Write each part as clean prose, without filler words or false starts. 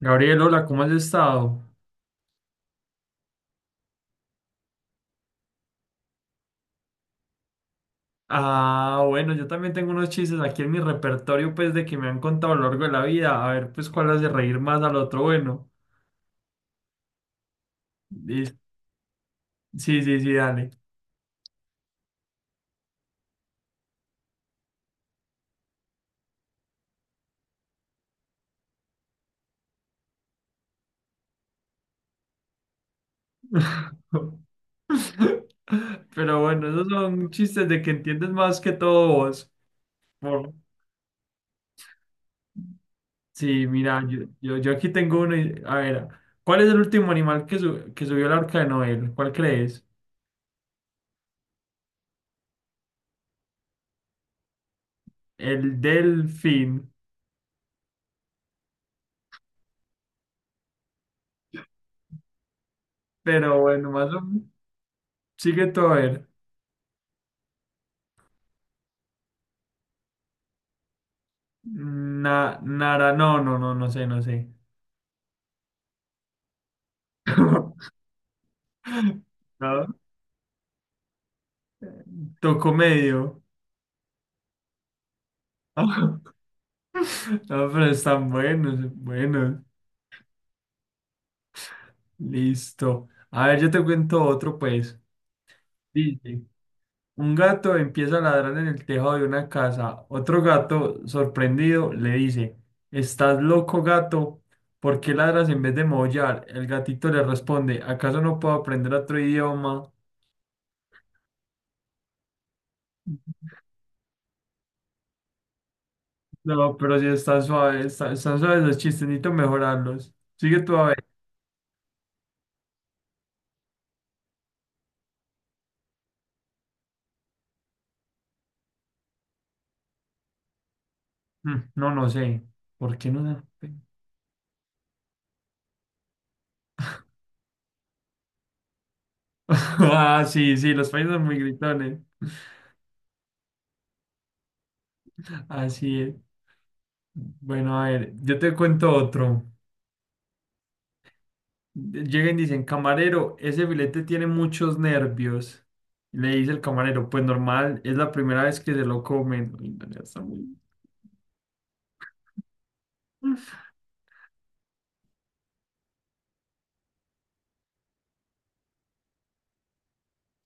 Gabriel, hola, ¿cómo has estado? Ah, bueno, yo también tengo unos chistes aquí en mi repertorio, pues, de que me han contado a lo largo de la vida. A ver, pues, cuál hace reír más al otro. Bueno, sí, sí, dale. Pero bueno, esos son chistes de que entiendes más que todo vos. Por- Sí, mira, yo aquí tengo uno. A ver, ¿cuál es el último animal que subió al arca de Noé? ¿Cuál crees? El delfín. Pero bueno, más o menos, sigue todo a ver. Na, Nara, no, no, no, no sé, no sé. No, toco medio. No, pero están buenos. Listo. A ver, yo te cuento otro, pues. Dice, un gato empieza a ladrar en el tejado de una casa. Otro gato, sorprendido, le dice, ¿estás loco, gato? ¿Por qué ladras en vez de maullar? El gatito le responde, ¿acaso no puedo aprender otro idioma? No, pero si está suave, están suaves los chistes, necesito mejorarlos. Sigue tú a ver. Mm, no, no sé. ¿Por qué no? ¿Pena? Ah, sí, sí, los países son muy gritones. Así es. Bueno, a ver, yo te cuento otro. Llegan y dicen, camarero, ese filete tiene muchos nervios. Y le dice el camarero, pues normal, es la primera vez que se lo comen. Uy, no, ya está muy-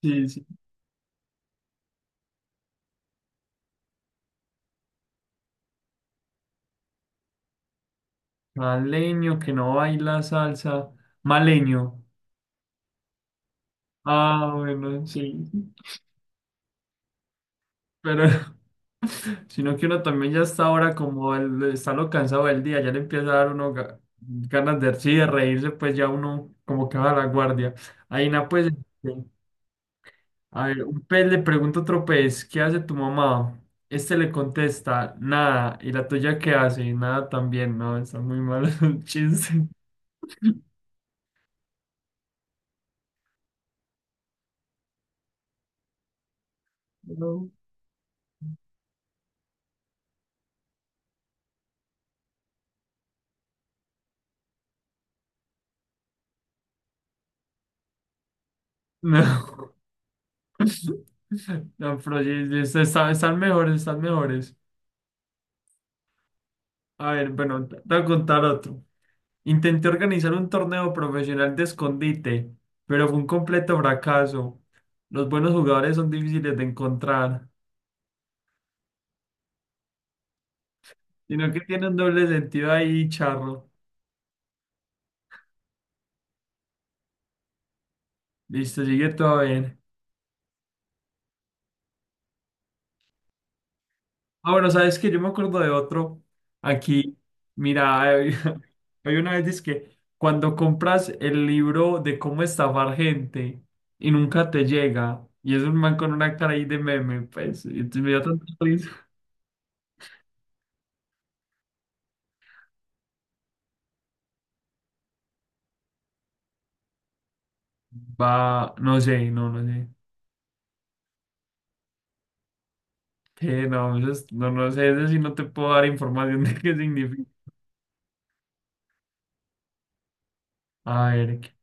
Sí, sí. Maleño, que no baila salsa. Maleño. Ah, bueno, sí. Pero sino que uno también ya está ahora como está lo cansado del día, ya le empieza a dar uno ganas de, sí, de reírse, pues ya uno como que va a la guardia. Aina, pues, este, a ver, un pez le pregunta a otro pez, ¿qué hace tu mamá? Este le contesta, nada, ¿y la tuya qué hace? Nada también, no, está muy mal el chiste. No. No. No, pero sí, sí, están mejores, están mejores. A ver, bueno, te voy a contar otro. Intenté organizar un torneo profesional de escondite, pero fue un completo fracaso. Los buenos jugadores son difíciles de encontrar, sino que tiene un doble sentido ahí, charro. Listo, sigue tú a ver. Ah, bueno, sabes que yo me acuerdo de otro. Aquí, mira, hay hay una vez dice que cuando compras el libro de cómo estafar gente y nunca te llega, y es un man con una cara ahí de meme, pues, y entonces me dio tanta risa. Va, no sé, no, no sé. ¿Qué? No, no sé, eso sí no te puedo dar información de qué significa. A ver, ¿qué?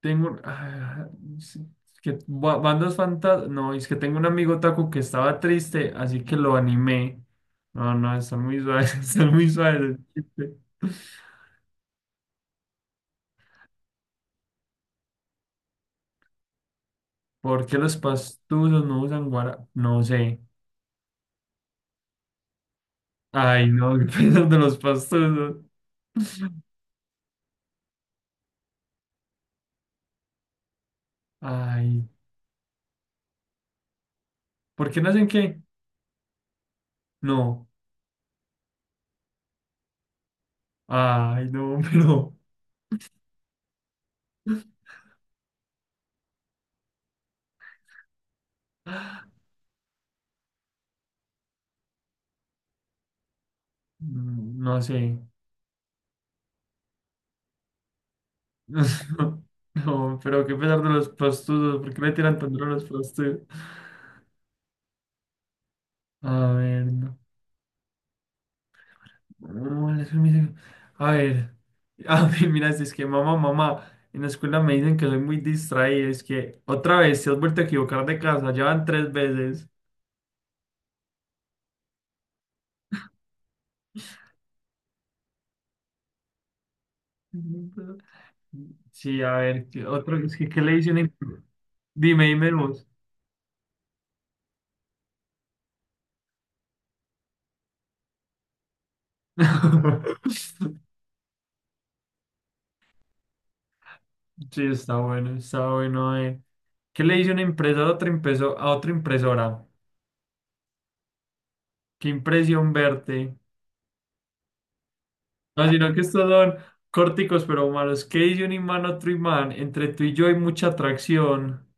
tengo, ah, sí, que bandas fantasmas, no, es que tengo un amigo taco que estaba triste, así que lo animé. No, no, están muy suaves, están muy suaves el chiste. ¿Por qué los pastusos no usan guara? No sé. Ay, no, qué piensas de los pastusos. Ay, ¿por qué no hacen qué? No. Ay, no, pero. Mm, no sé. No, pero qué pesar de los prostudos. ¿Por qué le tiran tan duro a los prostudos? A ver, no. No, eso me dice- A ver. A mí, mira, si es que mamá. En la escuela me dicen que soy muy distraído. Es que otra vez te has vuelto a equivocar de casa. Ya van tres veces. Sí, a ver, ¿qué otro? Es que, ¿qué le dicen? Dime, dime vos. Sí, está bueno, está bueno. Eh. ¿Qué le dice una empresa a a otra impresora? Qué impresión verte. No, sino que estos son córticos pero humanos. ¿Qué dice un imán a otro imán? Entre tú y yo hay mucha atracción.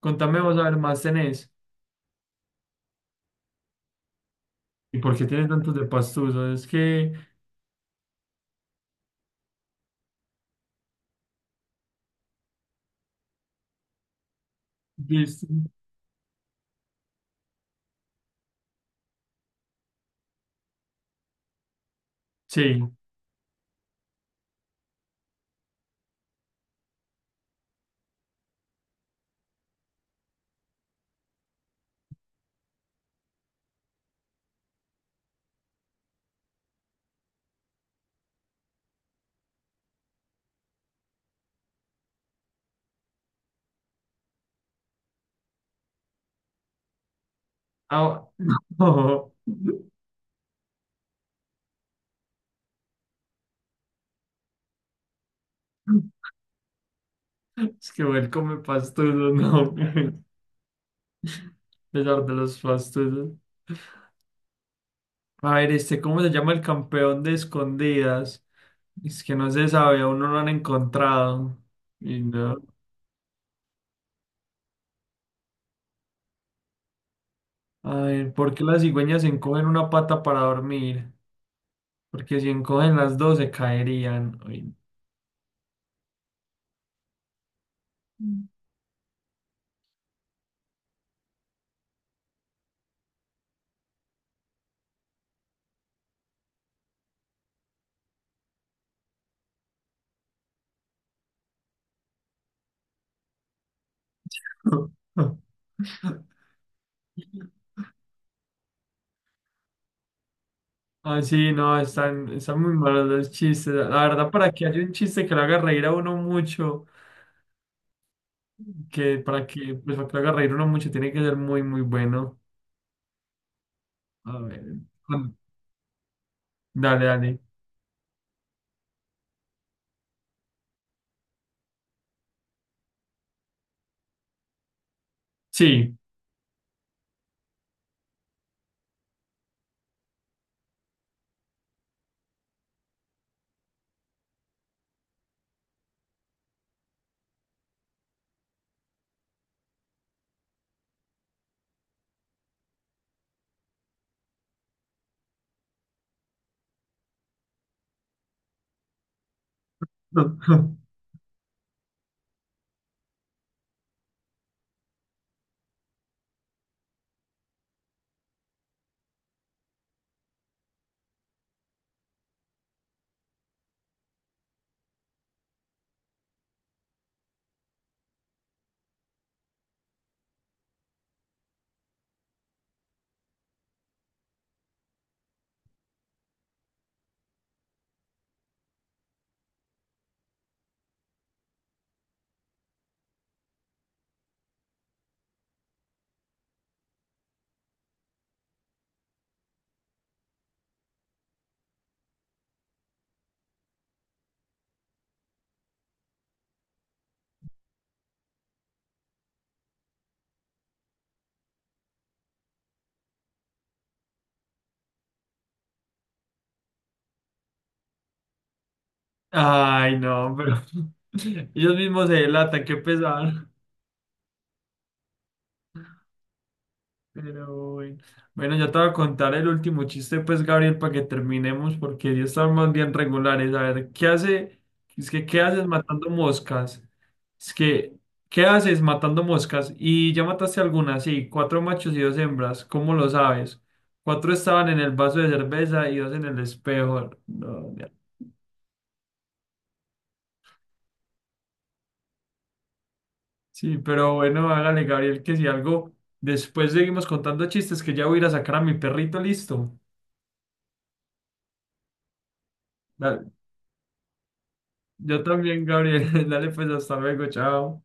Contame, vamos a ver más tenés. ¿Y por qué tienes tantos de pastuso? Es que... dis- Sí. Ah, no. Es que él come pastuso, no. A pesar de los pastusos. A ver, este, ¿cómo se llama el campeón de escondidas? Es que no se sabe, aún no lo han encontrado. Y no. A ver, ¿por qué las cigüeñas encogen una pata para dormir? Porque si encogen las dos se caerían. Ay, no. Ah, sí, no, están, están muy malos los chistes. La verdad, para que haya un chiste que lo haga reír a uno mucho, que para que, pues, para que lo haga reír uno mucho, tiene que ser muy, muy bueno. A ver, con- dale, dale. Sí. Ay, no, pero ellos mismos se delatan, qué pesar. Pero bueno. Bueno, ya te voy a contar el último chiste, pues, Gabriel, para que terminemos, porque ya estamos bien regulares. A ver, ¿qué hace? Es que, ¿qué haces matando moscas? Es que, ¿qué haces matando moscas? Y ya mataste algunas, sí, cuatro machos y dos hembras, ¿cómo lo sabes? Cuatro estaban en el vaso de cerveza y dos en el espejo. No, ya. Sí, pero bueno, hágale, Gabriel, que si algo, después seguimos contando chistes, que ya voy a ir a sacar a mi perrito, listo. Dale. Yo también, Gabriel. Dale, pues hasta luego, chao.